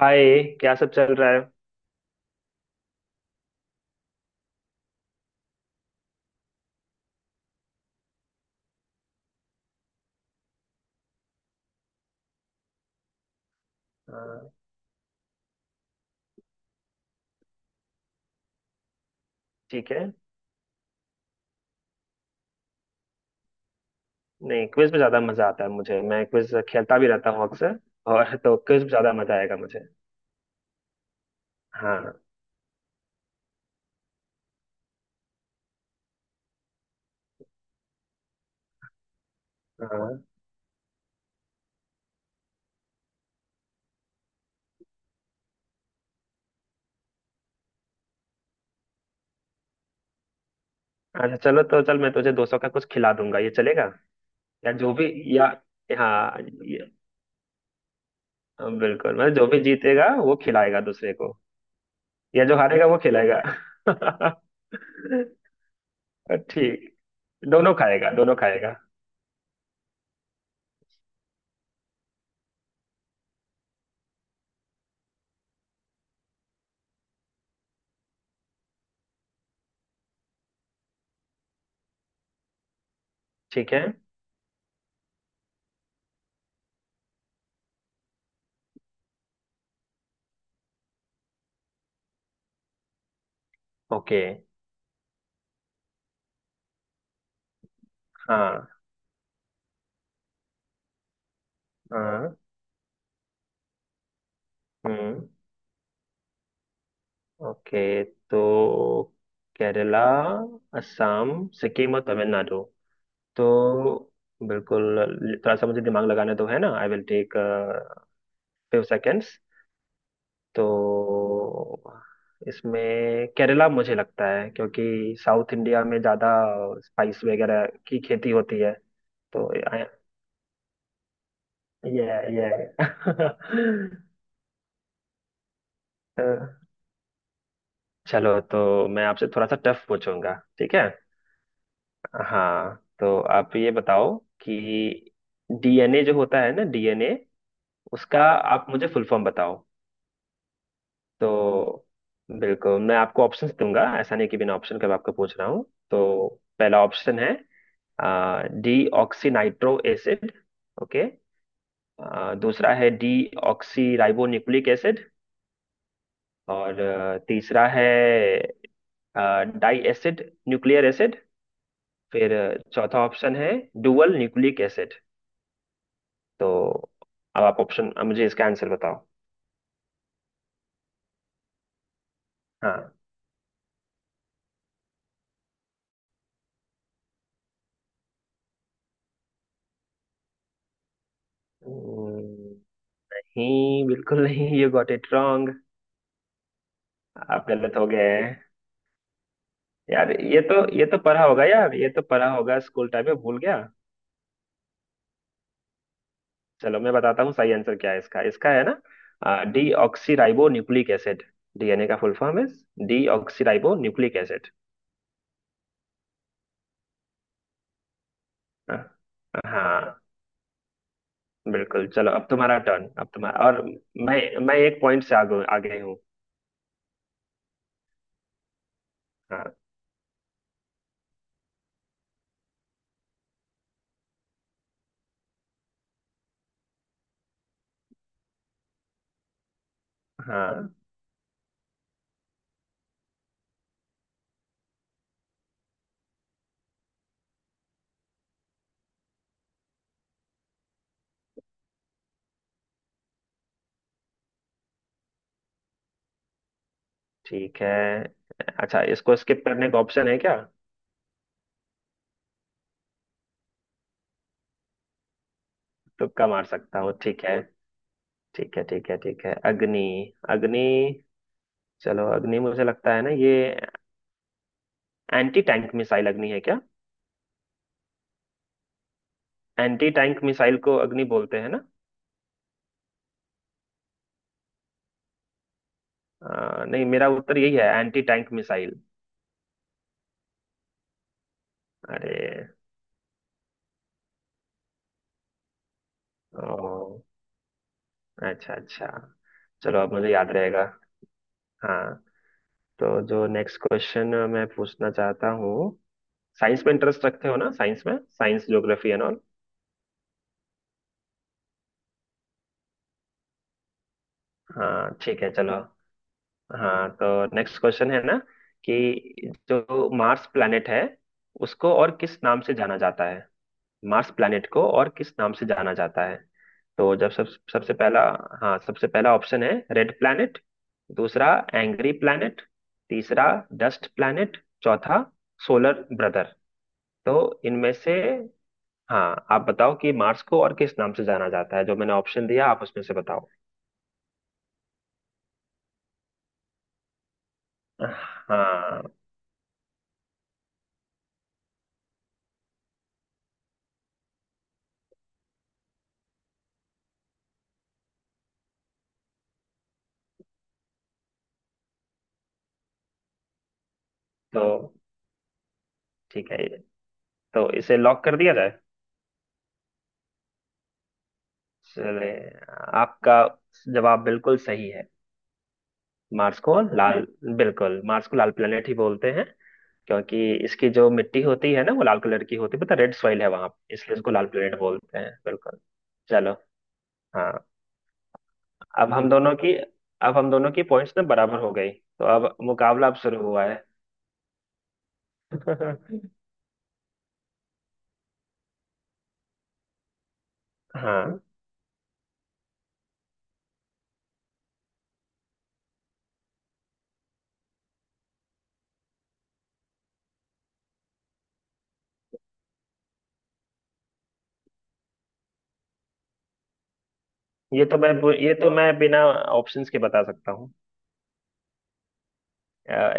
हाय, क्या सब चल रहा है। हाँ, ठीक है। नहीं, क्विज में ज्यादा मजा आता है मुझे, मैं क्विज खेलता भी रहता हूँ अक्सर। और तो क्विज में ज्यादा मजा आएगा मुझे। हाँ, हाँ, अच्छा चलो, तो चल मैं तुझे दो सौ का कुछ खिला दूंगा, ये चलेगा। या जो भी, या हाँ, ये बिल्कुल, मतलब जो भी जीतेगा वो खिलाएगा दूसरे को। या जो हारेगा वो खिलाएगा। ठीक। दोनों खाएगा, दोनों खाएगा। ठीक है। ओके। हाँ, हाँ। हम्म। ओके। तो केरला, असम, सिक्किम और तमिलनाडु। तो बिल्कुल, थोड़ा सा मुझे दिमाग लगाना तो है ना, I will take few seconds. तो इसमें केरला मुझे लगता है, क्योंकि साउथ इंडिया में ज़्यादा स्पाइस वगैरह की खेती होती है। तो ये। चलो, तो मैं आपसे थोड़ा सा टफ पूछूंगा, ठीक है। हाँ, तो आप ये बताओ कि डीएनए जो होता है ना, डीएनए, उसका आप मुझे फुल फॉर्म बताओ। तो बिल्कुल मैं आपको ऑप्शंस दूंगा, ऐसा नहीं कि बिना ऑप्शन के मैं आपको पूछ रहा हूँ। तो पहला ऑप्शन है D oxy nitro acid. Okay. दूसरा है D oxy ribo nucleic acid. और तीसरा है डाई एसिड न्यूक्लियर एसिड। फिर चौथा ऑप्शन है डुअल न्यूक्लिक एसिड। तो अब आप ऑप्शन मुझे इसका आंसर बताओ। हाँ। हम्म, नहीं बिल्कुल नहीं, यू गॉट इट रॉन्ग। आप गलत हो गए हैं। यार ये तो, ये तो पढ़ा होगा यार, ये तो पढ़ा होगा, स्कूल टाइम में भूल गया। चलो, मैं बताता हूँ सही आंसर क्या है इसका। इसका है ना deoxyribonucleic acid. DNA का फुल फॉर्म है D oxy ribo nucleic acid. हाँ, बिल्कुल। चलो, अब तुम्हारा टर्न, अब तुम्हारा। और मैं मैं एक पॉइंट से आगे आगे हूँ। हाँ, हाँ। ठीक है। अच्छा, इसको स्किप करने का ऑप्शन है क्या। तुक्का मार सकता हूँ, ठीक है। ठीक है, ठीक है, ठीक है। अग्नि, अग्नि। चलो, अग्नि मुझे लगता है ना, ये एंटी टैंक मिसाइल अग्नि है क्या। एंटी टैंक मिसाइल को अग्नि बोलते हैं ना। नहीं, मेरा उत्तर यही है, एंटी टैंक मिसाइल। अरे। ओ। अच्छा, अच्छा। चलो, अब मुझे याद रहेगा। हाँ, तो जो नेक्स्ट क्वेश्चन मैं पूछना चाहता हूँ, साइंस में इंटरेस्ट रखते हो ना, साइंस में, साइंस ज्योग्राफी एंड ऑल। हाँ, ठीक है, चलो। हाँ, तो नेक्स्ट क्वेश्चन है ना कि जो मार्स प्लैनेट है, उसको और किस नाम से जाना जाता है। मार्स प्लैनेट को और किस नाम से जाना जाता है। तो जब सब, सबसे पहला, हाँ, सबसे पहला ऑप्शन है रेड प्लैनेट। दूसरा एंग्री प्लैनेट। तीसरा डस्ट प्लैनेट। चौथा सोलर ब्रदर। तो इनमें से, हाँ, आप बताओ कि मार्स को और किस नाम से जाना जाता है, जो मैंने ऑप्शन दिया आप उसमें से बताओ। हाँ। तो ठीक है, तो इसे लॉक कर दिया जाए। चले, आपका जवाब बिल्कुल सही है। मार्स को लाल, बिल्कुल मार्स को लाल प्लेनेट ही बोलते हैं, क्योंकि इसकी जो मिट्टी होती है ना वो लाल कलर की होती है, पता, रेड सॉइल है वहां, इसलिए इसको लाल प्लेनेट बोलते हैं, बिल्कुल। चलो। हाँ। अब हम दोनों की अब हम दोनों की पॉइंट्स ना बराबर हो गई, तो अब मुकाबला अब शुरू हुआ है। हाँ, ये तो मैं ये तो मैं बिना ऑप्शंस के बता सकता हूँ।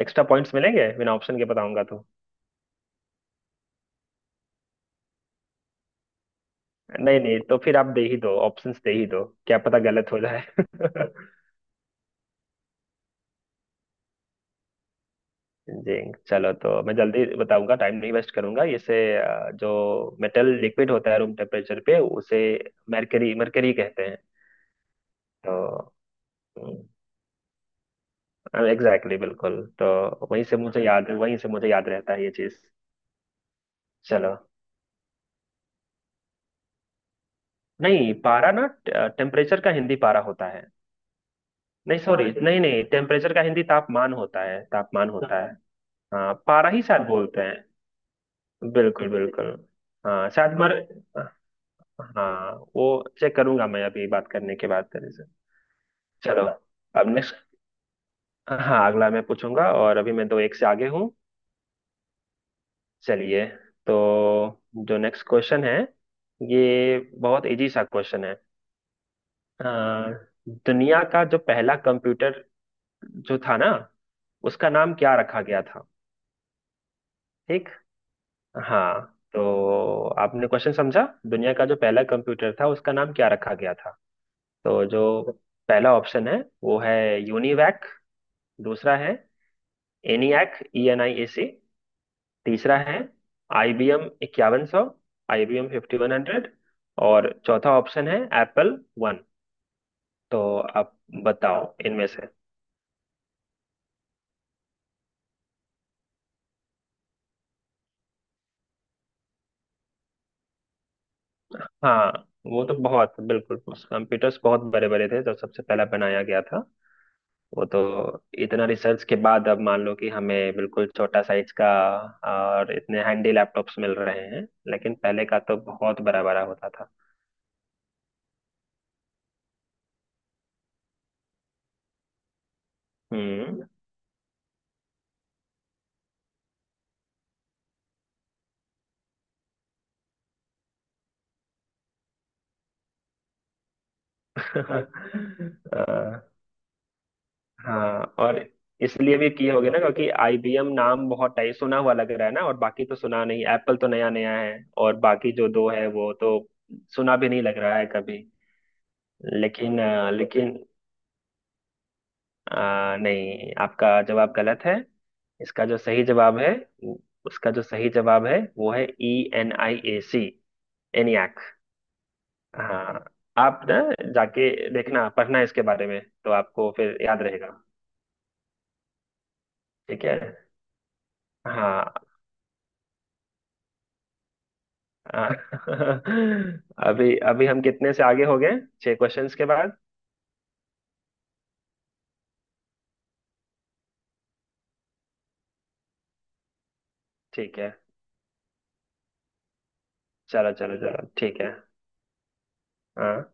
एक्स्ट्रा पॉइंट्स मिलेंगे बिना ऑप्शन के बताऊंगा तो। नहीं नहीं, तो फिर आप दे ही दो, ऑप्शंस दे ही दो, क्या पता गलत हो जाए। जी। चलो, तो मैं जल्दी बताऊंगा, टाइम नहीं वेस्ट करूंगा इसे। जो मेटल लिक्विड होता है रूम टेम्परेचर पे उसे मरकरी मरकरी कहते हैं। तो एग्जैक्टली, exactly, बिल्कुल। तो वहीं से मुझे याद रहता है ये चीज। चलो। नहीं, पारा ना, टेम्परेचर का हिंदी पारा होता है। नहीं सॉरी, नहीं नहीं, टेम्परेचर का हिंदी तापमान होता है, तापमान होता है। हाँ, पारा ही शायद बोलते हैं, बिल्कुल, बिल्कुल। हाँ, शायद। तो मर हाँ वो चेक करूंगा मैं अभी बात करने के बाद तेरे से। चलो, अब नेक्स्ट, हाँ अगला मैं पूछूंगा, और अभी मैं दो एक से आगे हूँ। चलिए। तो जो नेक्स्ट क्वेश्चन है, ये बहुत इजी सा क्वेश्चन है। आ, दुनिया का जो पहला कंप्यूटर जो था ना, उसका नाम क्या रखा गया था। ठीक। हाँ, तो आपने क्वेश्चन समझा। दुनिया का जो पहला कंप्यूटर था, उसका नाम क्या रखा गया था। तो जो पहला ऑप्शन है वो है यूनिवैक। दूसरा है ENIAC, E N I A C. तीसरा है IBM इक्यावन सौ, IBM फिफ्टी वन हंड्रेड। और चौथा ऑप्शन है एप्पल वन। तो आप बताओ इनमें से। हाँ, वो तो बहुत, बिल्कुल कंप्यूटर्स बहुत बड़े बड़े थे जब सबसे पहला बनाया गया था। वो तो इतना रिसर्च के बाद अब मान लो कि हमें बिल्कुल छोटा साइज का और इतने हैंडी लैपटॉप्स मिल रहे हैं, लेकिन पहले का तो बहुत बड़ा बड़ा होता था। हम्म। अ, हाँ, और इसलिए भी किए होगे ना, क्योंकि आईबीएम नाम बहुत टाइप सुना हुआ लग रहा है ना, और बाकी तो सुना नहीं, एप्पल तो नया नया है। और बाकी जो दो है वो तो सुना भी नहीं लग रहा है कभी। लेकिन नहीं, आपका जवाब गलत है। इसका जो सही जवाब है, उ- उसका जो सही जवाब है वो है E N I A C, ENIAC. हाँ, आप ना जाके देखना, पढ़ना इसके बारे में, तो आपको फिर याद रहेगा। ठीक है। हाँ। हाँ। अभी अभी हम कितने से आगे हो गए छह क्वेश्चंस के बाद। ठीक है। चलो चलो चलो, ठीक है। हाँ।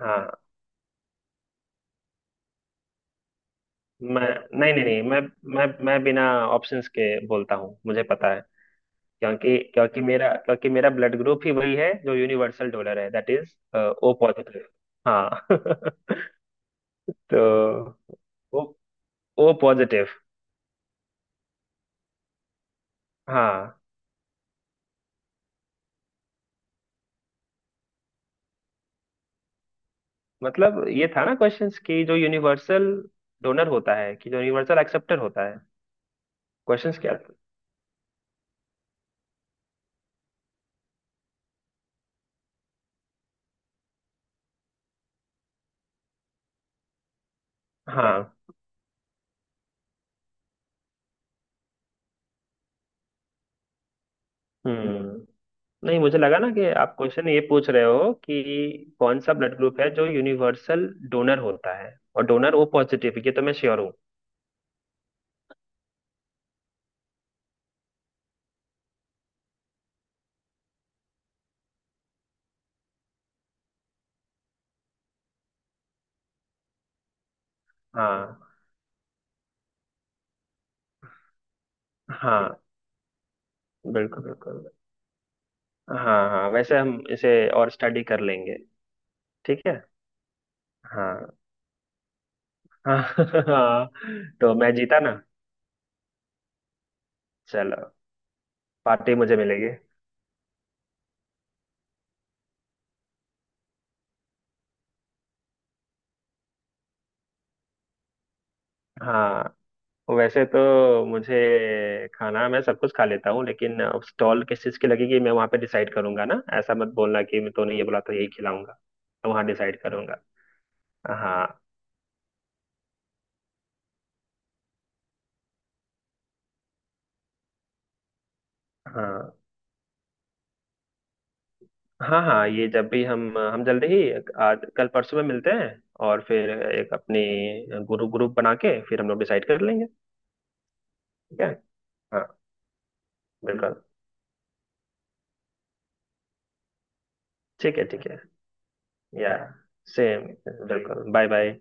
हाँ। मैं नहीं नहीं नहीं मैं मैं बिना ऑप्शंस के बोलता हूँ, मुझे पता है। क्योंकि क्योंकि मेरा ब्लड ग्रुप ही वही है जो यूनिवर्सल डोनर है, दैट इज ओ पॉजिटिव। हाँ। तो ओ ओ पॉजिटिव। हाँ। मतलब ये था ना क्वेश्चंस कि जो यूनिवर्सल डोनर होता है कि जो यूनिवर्सल एक्सेप्टर होता है। क्वेश्चंस क्या थे? हाँ। हम्म। नहीं, मुझे लगा ना कि आप क्वेश्चन ये पूछ रहे हो कि कौन सा ब्लड ग्रुप है जो यूनिवर्सल डोनर होता है। और डोनर ओ पॉजिटिव, ये तो मैं श्योर हूँ। हाँ, हाँ, बिल्कुल, बिल्कुल। हाँ हाँ, वैसे हम इसे और स्टडी कर लेंगे। ठीक है। हाँ। हाँ। हाँ, तो मैं जीता ना। चलो, पार्टी मुझे मिलेगी। हाँ, वैसे तो मुझे, खाना मैं सब कुछ खा लेता हूँ, लेकिन स्टॉल किस चीज़ की लगेगी मैं वहाँ पे डिसाइड करूंगा ना, ऐसा मत बोलना कि मैं तो नहीं ये बोला तो यही खिलाऊंगा। तो वहाँ डिसाइड करूंगा। हाँ। हाँ। हाँ। हाँ, ये जब भी हम जल्दी ही आज कल परसों में मिलते हैं, और फिर एक अपनी ग्रुप ग्रुप बना के फिर हम लोग डिसाइड कर लेंगे। ठीक है। हाँ, बिल्कुल। ठीक है, ठीक है। या सेम, बिल्कुल, बाय बाय।